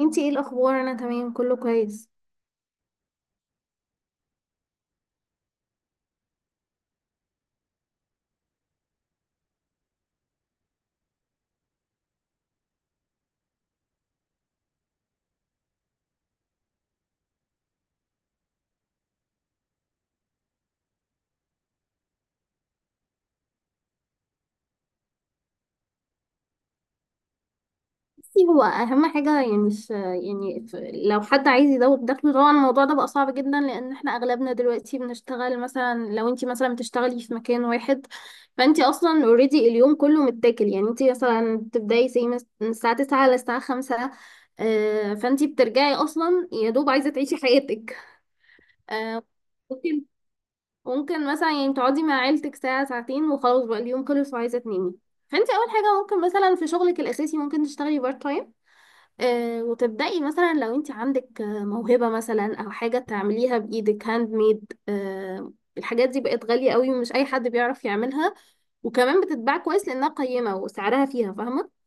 انتي ايه الاخبار؟ انا تمام كله كويس. بصي، هو اهم حاجه يعني مش يعني لو حد عايز يزود دخله طبعا الموضوع ده بقى صعب جدا لان احنا اغلبنا دلوقتي بنشتغل، مثلا لو انتي مثلا بتشتغلي في مكان واحد فانتي اصلا اوريدي اليوم كله متاكل. يعني انتي مثلا بتبداي زي من الساعه 9 للساعه 5. فانتي بترجعي اصلا يا دوب عايزه تعيشي حياتك. آه، ممكن مثلا يعني تقعدي مع عيلتك ساعة ساعتين وخلاص بقى اليوم خلص وعايزة تنامي. فانت اول حاجة ممكن مثلا في شغلك الاساسي ممكن تشتغلي بارت تايم. آه، وتبدأي مثلا لو انت عندك موهبة مثلا او حاجة تعمليها بايدك هاند ميد. آه، الحاجات دي بقت غالية قوي ومش اي حد بيعرف يعملها، وكمان بتتباع كويس لانها قيمة وسعرها فيها، فاهمة؟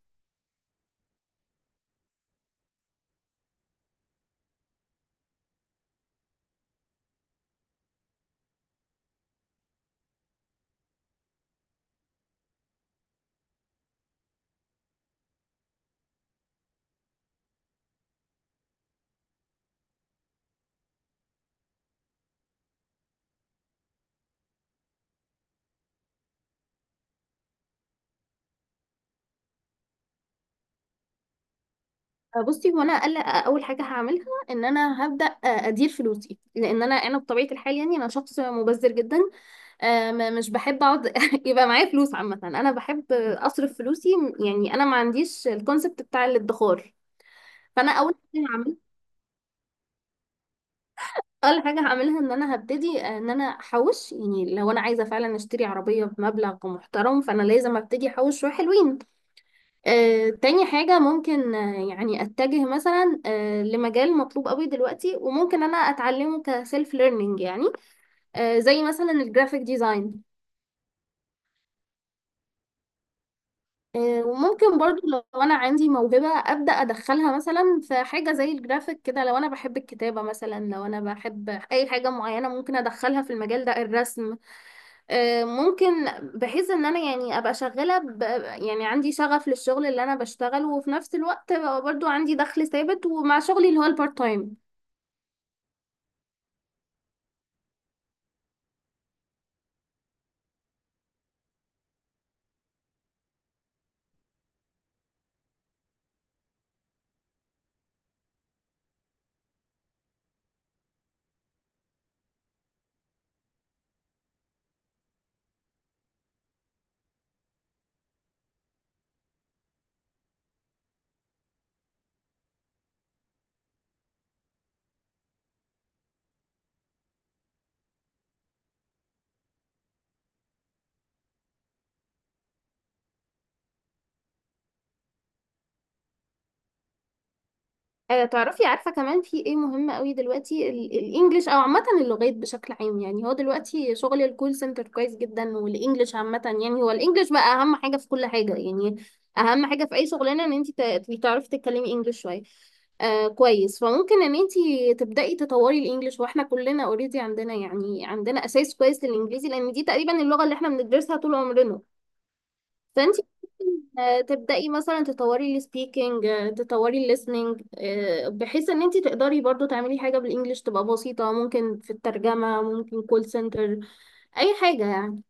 بصي، هو انا اقل اول حاجه هعملها ان انا هبدا ادير فلوسي، لان انا بطبيعه الحال يعني انا شخص مبذر جدا. مش بحب اقعد يبقى معايا فلوس، عامه انا بحب اصرف فلوسي. يعني انا ما عنديش الكونسبت بتاع الادخار. فانا اول حاجه هعملها، اول حاجه هعملها ان انا هبتدي ان انا احوش. يعني لو انا عايزه فعلا اشتري عربيه بمبلغ محترم فانا لازم ابتدي احوش شويه حلوين. تاني حاجة ممكن، يعني أتجه مثلا لمجال مطلوب قوي دلوقتي وممكن أنا أتعلمه كسيلف ليرنينج، يعني. زي مثلا الجرافيك ديزاين. وممكن برضو لو أنا عندي موهبة أبدأ أدخلها مثلا في حاجة زي الجرافيك كده، لو أنا بحب الكتابة مثلا، لو أنا بحب أي حاجة معينة ممكن أدخلها في المجال ده، الرسم. ممكن بحيث ان انا يعني ابقى شغاله يعني عندي شغف للشغل اللي انا بشتغله، وفي نفس الوقت أبقى برضو عندي دخل ثابت ومع شغلي اللي هو البارت تايم. تعرفي، عارفة كمان في ايه مهم قوي دلوقتي؟ الانجليش او عامة اللغات بشكل عام. يعني هو دلوقتي شغل الكول سنتر كويس جدا، والانجليش عامة، يعني هو الانجليش بقى اهم حاجة في كل حاجة. يعني اهم حاجة في اي شغلانة ان انت تبقي تعرفي تتكلمي انجليش شوية. آه كويس، فممكن ان انت تبدأي تطوري الانجليش. واحنا كلنا اوريدي عندنا، يعني عندنا اساس كويس للانجليزي لان دي تقريبا اللغة اللي احنا بندرسها طول عمرنا. فانت تبدأي مثلا تطوري السبيكينج، تطوري الليسننج، بحيث ان انت تقدري برضو تعملي حاجة بالانجلش تبقى بسيطة، ممكن في الترجمة، ممكن كول سنتر، اي حاجة يعني.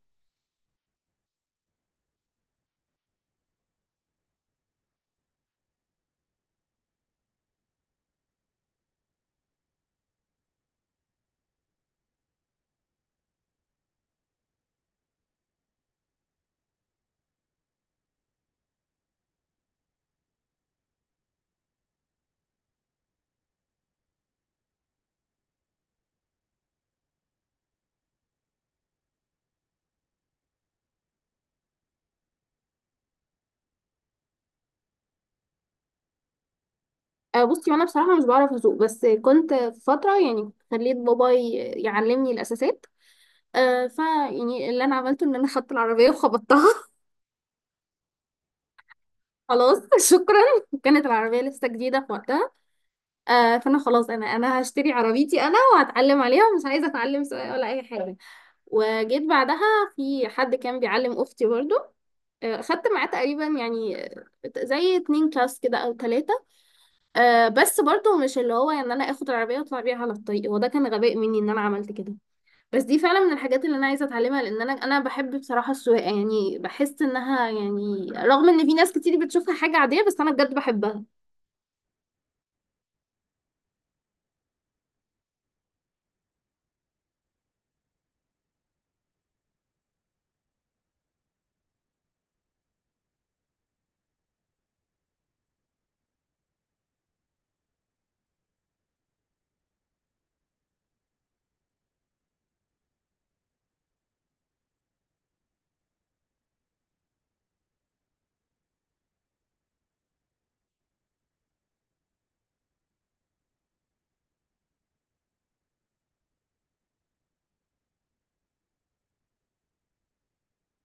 بصي، انا بصراحة مش بعرف اسوق، بس كنت في فترة يعني خليت بابا يعلمني الاساسات. آه، ف يعني اللي انا عملته ان انا خدت العربية وخبطتها خلاص، شكرا. كانت العربية لسه جديدة في وقتها. فانا خلاص، انا هشتري عربيتي انا وهتعلم عليها، ومش عايزة اتعلم سواقة ولا اي حاجة. وجيت بعدها في حد كان بيعلم اختي برضو. خدت معاه تقريبا يعني، زي اتنين كلاس كده او تلاتة. بس برضو مش اللي هو ان انا اخد العربية واطلع بيها على الطريق، وده كان غباء مني ان انا عملت كده. بس دي فعلا من الحاجات اللي انا عايزة اتعلمها، لان انا بحب بصراحة السواقة. يعني بحس انها يعني، رغم ان في ناس كتير بتشوفها حاجة عادية، بس انا بجد بحبها.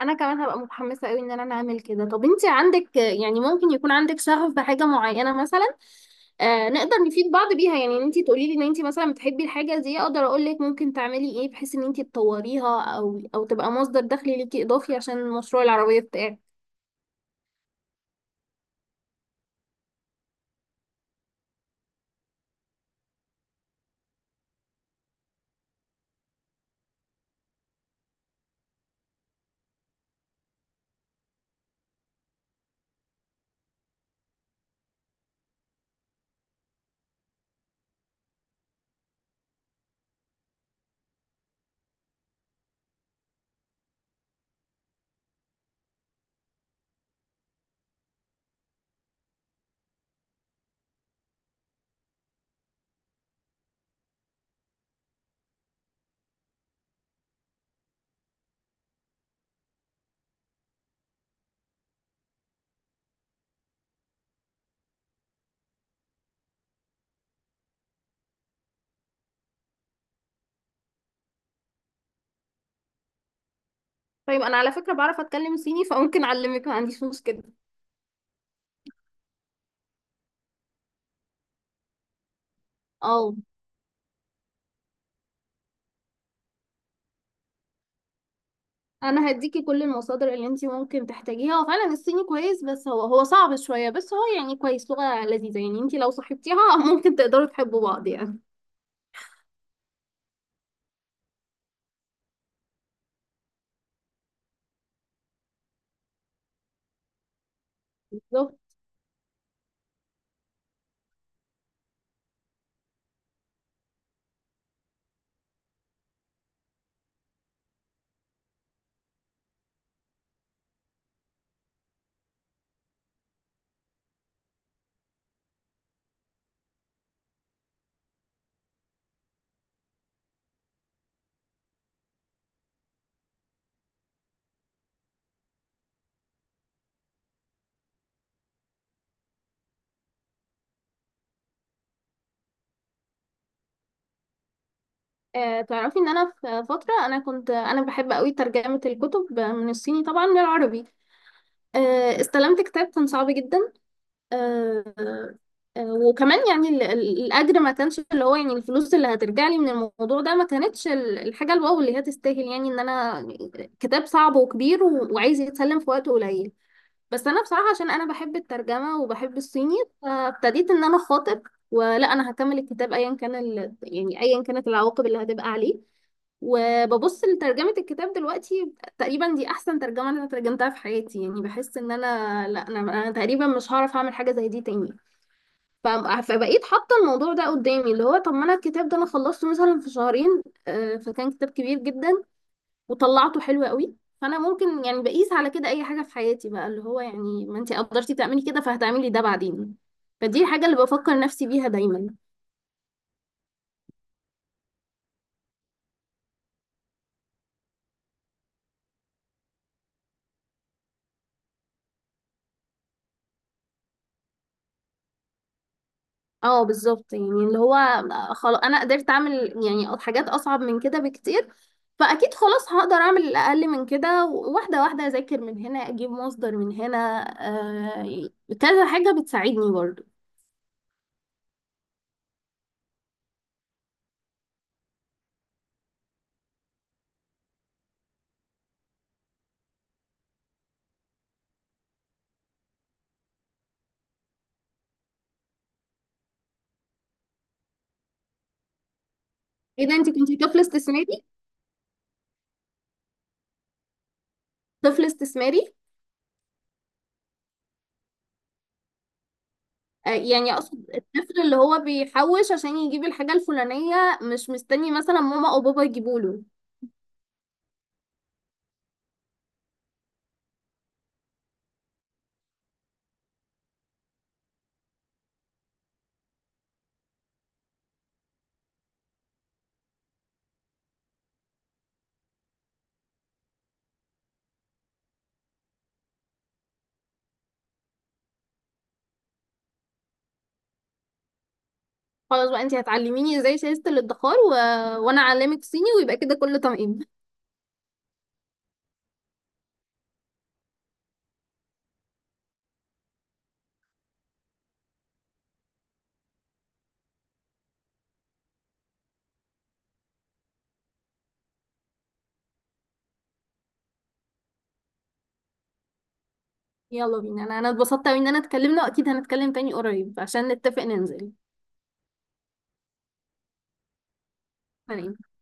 انا كمان هبقى متحمسه قوي ان انا اعمل كده. طب انت عندك، يعني ممكن يكون عندك شغف بحاجه معينه مثلا. آه، نقدر نفيد بعض بيها. يعني انت تقولي لي ان انت مثلا بتحبي الحاجه دي، اقدر اقول لك ممكن تعملي ايه بحيث ان انت تطوريها او تبقى مصدر دخل ليكي اضافي عشان مشروع العربيه بتاعك. طيب انا على فكره بعرف اتكلم صيني، فممكن اعلمك، ما عنديش مشكله. اه، انا هديكي كل المصادر اللي انتي ممكن تحتاجيها. هو فعلا الصيني كويس، بس هو صعب شويه، بس هو يعني كويس، لغه لذيذه. يعني انتي لو صاحبتيها ممكن تقدروا تحبوا بعض يعني. بالظبط. آه، تعرفي ان انا في فتره انا كنت انا بحب قوي ترجمه الكتب من الصيني طبعا للعربي. آه، استلمت كتاب كان صعب جدا. آه، وكمان يعني الاجر ما كانش اللي هو، يعني الفلوس اللي هترجع لي من الموضوع ده ما كانتش الحاجه الواو اللي هي تستاهل، يعني ان انا كتاب صعب وكبير وعايز يتسلم في وقت قليل. بس انا بصراحه عشان انا بحب الترجمه وبحب الصيني، فابتديت ان انا اخاطب، ولا انا هكمل الكتاب ايا كان يعني ايا كانت العواقب اللي هتبقى عليه. وببص لترجمه الكتاب دلوقتي، تقريبا دي احسن ترجمه انا ترجمتها في حياتي. يعني بحس ان انا لا انا, أنا تقريبا مش هعرف اعمل حاجه زي دي تاني. ف- فبقيت حاطه الموضوع ده قدامي اللي هو، طب ما انا الكتاب ده انا خلصته مثلا في شهرين. فكان كتاب كبير جدا وطلعته حلو قوي. فانا ممكن يعني بقيس على كده اي حاجه في حياتي بقى، اللي هو يعني ما انت قدرتي تعملي كده فهتعملي ده بعدين. فدي الحاجه اللي بفكر نفسي بيها دايما. اه بالظبط، يعني اللي هو خلاص انا قدرت اعمل يعني حاجات اصعب من كده بكتير، فاكيد خلاص هقدر اعمل الاقل من كده. واحده واحده اذاكر من هنا اجيب مصدر من هنا، آه، كذا حاجه بتساعدني برضو. ايه ده، انت كنتي طفل استثماري؟ طفل استثماري. يعني اقصد الطفل اللي هو بيحوش عشان يجيب الحاجة الفلانية مش مستني مثلا ماما او بابا يجيبوا له. خلاص بقى، انتي هتعلميني ازاي شايزة الادخار وانا اعلمك صيني ويبقى كده كله تمام. يلا بينا، انا اتبسطت اوي ان انا اتكلمنا، واكيد هنتكلم تاني قريب عشان نتفق ننزل. تمام.